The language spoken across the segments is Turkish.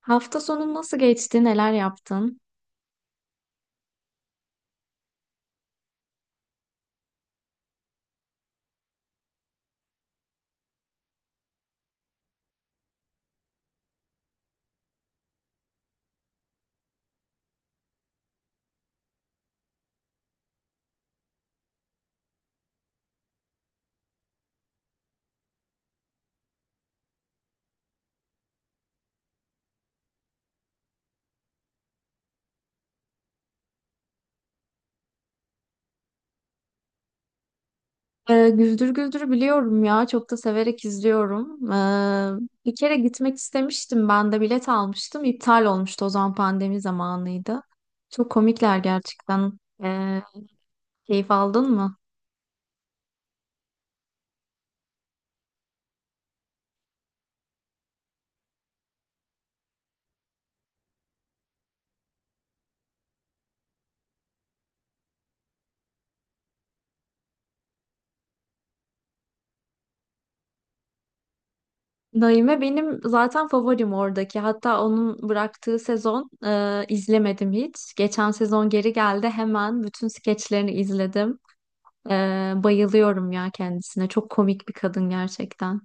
Hafta sonun nasıl geçti? Neler yaptın? Güldür Güldür biliyorum ya. Çok da severek izliyorum. Bir kere gitmek istemiştim. Ben de bilet almıştım. İptal olmuştu. O zaman pandemi zamanıydı. Çok komikler gerçekten. Ee, keyif aldın mı? Naime benim zaten favorim oradaki. Hatta onun bıraktığı sezon izlemedim hiç. Geçen sezon geri geldi. Hemen bütün skeçlerini izledim. Bayılıyorum ya kendisine. Çok komik bir kadın gerçekten.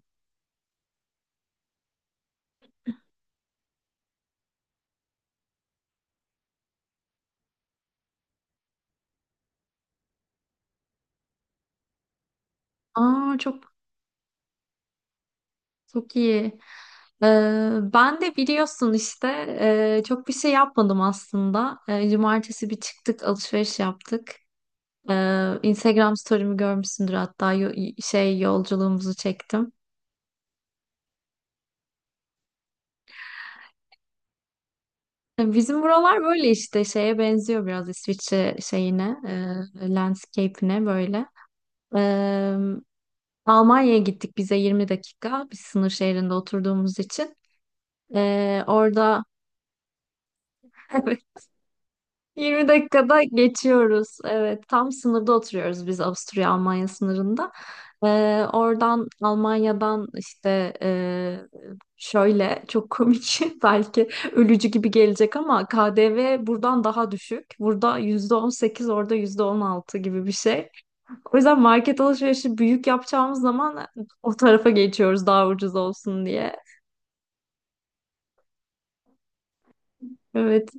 Aa, çok çok iyi. Ben de biliyorsun işte çok bir şey yapmadım aslında. Cumartesi bir çıktık, alışveriş yaptık. Instagram story'mi görmüşsündür hatta, yolculuğumuzu çektim. Bizim buralar böyle işte şeye benziyor, biraz İsviçre şeyine, landscape'ine böyle. E, Almanya'ya gittik, bize 20 dakika. Biz sınır şehrinde oturduğumuz için. Orada 20 dakikada geçiyoruz. Evet, tam sınırda oturuyoruz biz, Avusturya-Almanya sınırında. Oradan Almanya'dan işte şöyle çok komik, belki ölücü gibi gelecek ama KDV buradan daha düşük. Burada %18, orada %16 gibi bir şey. O yüzden market alışverişi büyük yapacağımız zaman o tarafa geçiyoruz, daha ucuz olsun diye. Evet,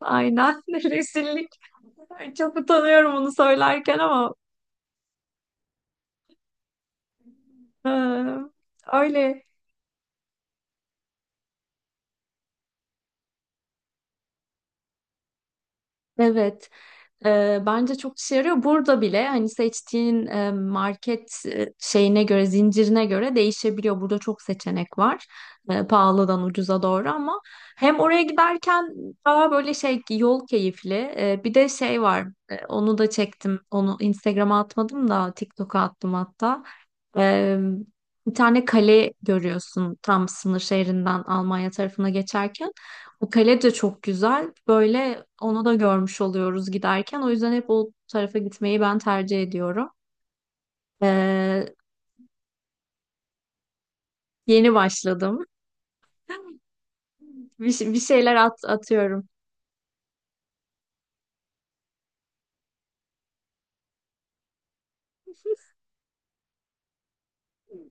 aynen, rezillik. Çok utanıyorum onu söylerken, ama Ee, öyle. Evet, bence çok işe yarıyor. Burada bile hani seçtiğin market şeyine göre, zincirine göre değişebiliyor. Burada çok seçenek var. Pahalıdan ucuza doğru, ama hem oraya giderken daha böyle yol keyifli. Bir de şey var. Onu da çektim. Onu Instagram'a atmadım da TikTok'a attım hatta. E, bir tane kale görüyorsun, tam sınır şehrinden Almanya tarafına geçerken. O kale de çok güzel. Böyle onu da görmüş oluyoruz giderken. O yüzden hep o tarafa gitmeyi ben tercih ediyorum. Ee, yeni başladım. Bir şeyler atıyorum.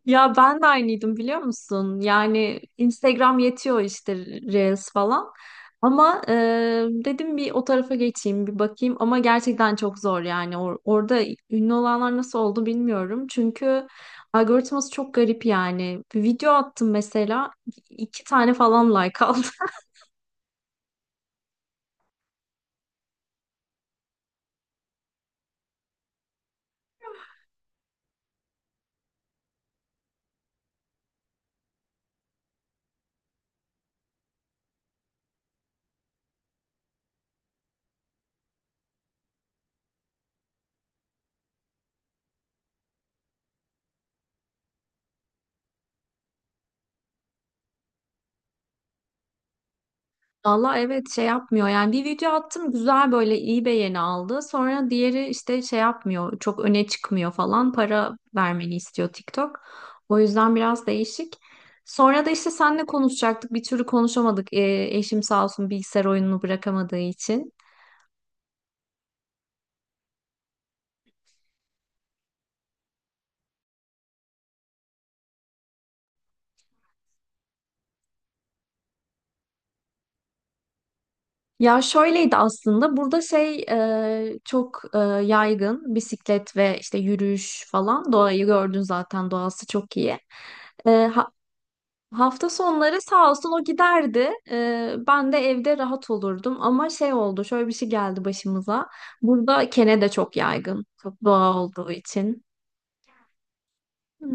Ya, ben de aynıydım biliyor musun? Yani Instagram yetiyor işte, Reels falan. Ama dedim bir o tarafa geçeyim, bir bakayım, ama gerçekten çok zor yani. Orada ünlü olanlar nasıl oldu bilmiyorum. Çünkü algoritması çok garip yani. Bir video attım mesela, iki tane falan like aldı. Valla evet, şey yapmıyor yani. Bir video attım, güzel böyle iyi beğeni aldı, sonra diğeri işte şey yapmıyor, çok öne çıkmıyor falan, para vermeni istiyor TikTok. O yüzden biraz değişik. Sonra da işte seninle konuşacaktık, bir türlü konuşamadık. Eşim sağ olsun, bilgisayar oyununu bırakamadığı için. Ya şöyleydi aslında, burada çok yaygın bisiklet ve işte yürüyüş falan. Doğayı gördün zaten, doğası çok iyi. E, ha- Hafta sonları sağ olsun o giderdi. Ben de evde rahat olurdum. Ama şey oldu, şöyle bir şey geldi başımıza. Burada kene de çok yaygın, çok doğa olduğu için. Hı.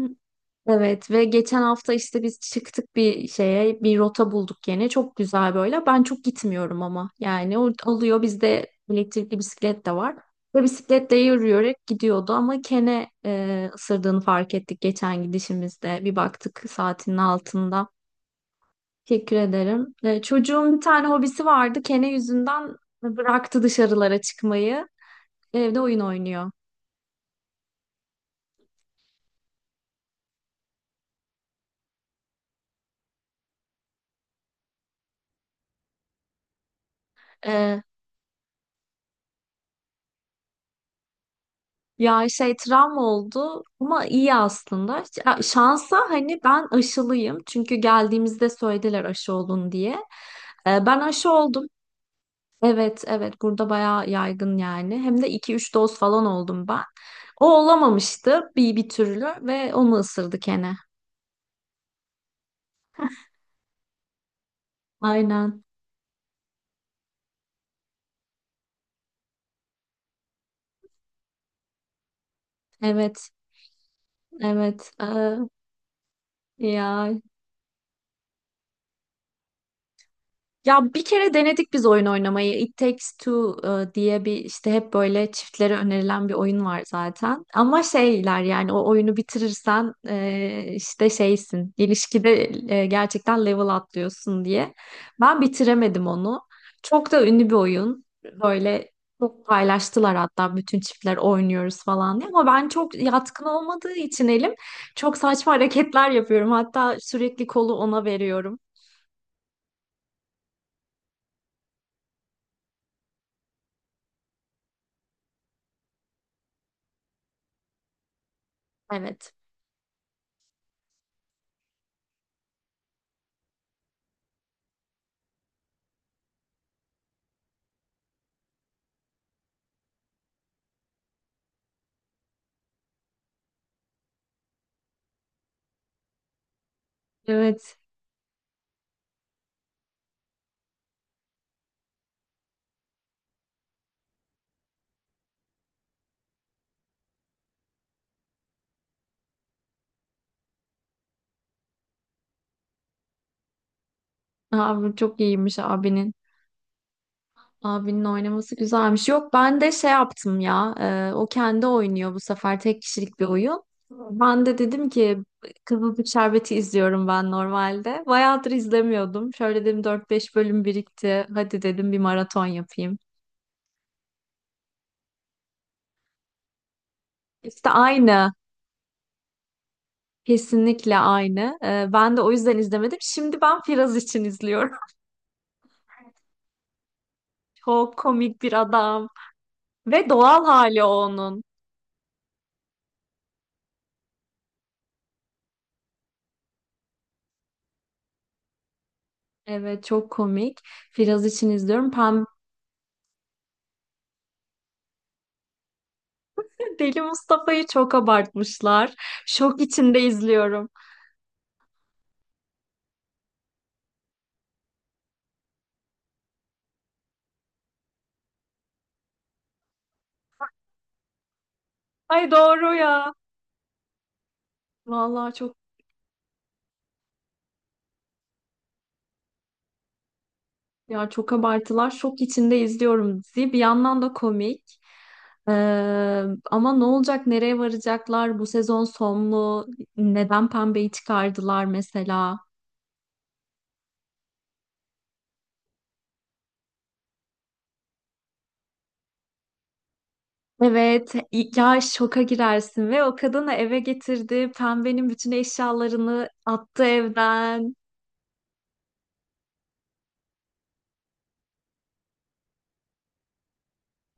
Evet, ve geçen hafta işte biz çıktık bir şeye, bir rota bulduk yine. Çok güzel böyle. Ben çok gitmiyorum ama. Yani o alıyor, bizde elektrikli bisiklet de var. Ve bisikletle yürüyerek gidiyordu, ama kene ısırdığını fark ettik geçen gidişimizde. Bir baktık, saatinin altında. Teşekkür ederim. Çocuğun bir tane hobisi vardı. Kene yüzünden bıraktı dışarılara çıkmayı. Evde oyun oynuyor. Ee, ya travma oldu, ama iyi aslında. Ya şansa, hani ben aşılıyım. Çünkü geldiğimizde söylediler aşı olun diye. Ben aşı oldum. Evet, evet, burada bayağı yaygın yani. Hem de iki üç doz falan oldum ben. O olamamıştı bir türlü, ve onu ısırdı kene. Aynen. Evet. Evet. Ya Ya bir kere denedik biz oyun oynamayı. It Takes Two diye bir, işte hep böyle çiftlere önerilen bir oyun var zaten. Ama şeyler, yani o oyunu bitirirsen işte şeysin. İlişkide gerçekten level atlıyorsun diye. Ben bitiremedim onu. Çok da ünlü bir oyun. Böyle çok paylaştılar hatta, bütün çiftler oynuyoruz falan diye. Ama ben çok yatkın olmadığı için, elim çok saçma hareketler yapıyorum. Hatta sürekli kolu ona veriyorum. Evet. Evet. Abi çok iyiymiş abinin. Abinin oynaması güzelmiş. Yok, ben de şey yaptım ya. O kendi oynuyor bu sefer, tek kişilik bir oyun. Ben de dedim ki, Kızılcık Şerbeti izliyorum ben normalde. Bayağıdır izlemiyordum. Şöyle dedim, dört beş bölüm birikti. Hadi dedim, bir maraton yapayım. İşte aynı. Kesinlikle aynı. Ben de o yüzden izlemedim. Şimdi ben Firaz için izliyorum. Çok komik bir adam. Ve doğal hali o onun. Evet, çok komik. Firaz için izliyorum. Pembe... Deli Mustafa'yı çok abartmışlar. Şok içinde izliyorum. Ay doğru ya. Vallahi çok... ya çok abartılar. Şok içinde izliyorum dizi. Bir yandan da komik. Ee, ama ne olacak? Nereye varacaklar? Bu sezon son mu? Neden Pembe'yi çıkardılar mesela? Evet, ya, şoka girersin, ve o kadını eve getirdi. Pembenin bütün eşyalarını attı evden.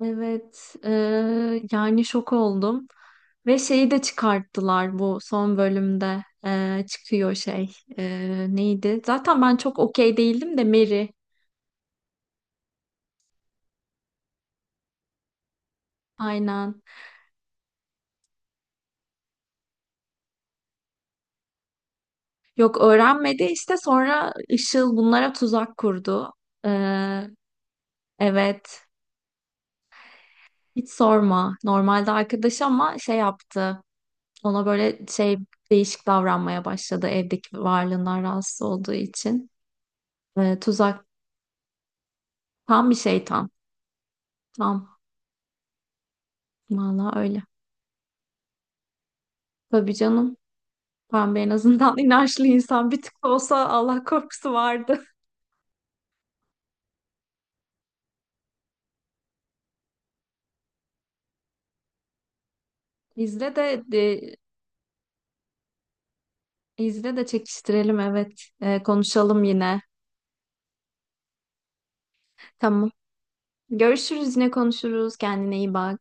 Evet, yani şok oldum. Ve şeyi de çıkarttılar bu son bölümde, çıkıyor neydi? Zaten ben çok okey değildim de, Mary, aynen. Yok öğrenmedi işte, sonra Işıl bunlara tuzak kurdu. Eee, evet, hiç sorma, normalde arkadaş ama şey yaptı ona, böyle şey, değişik davranmaya başladı, evdeki varlığından rahatsız olduğu için. Tuzak, tam bir şeytan, tam. Vallahi öyle. Tabii canım. Ben de en azından inançlı insan, bir tık da olsa Allah korkusu vardı. İzle de, izle de çekiştirelim, evet. Konuşalım yine. Tamam. Görüşürüz, yine konuşuruz. Kendine iyi bak.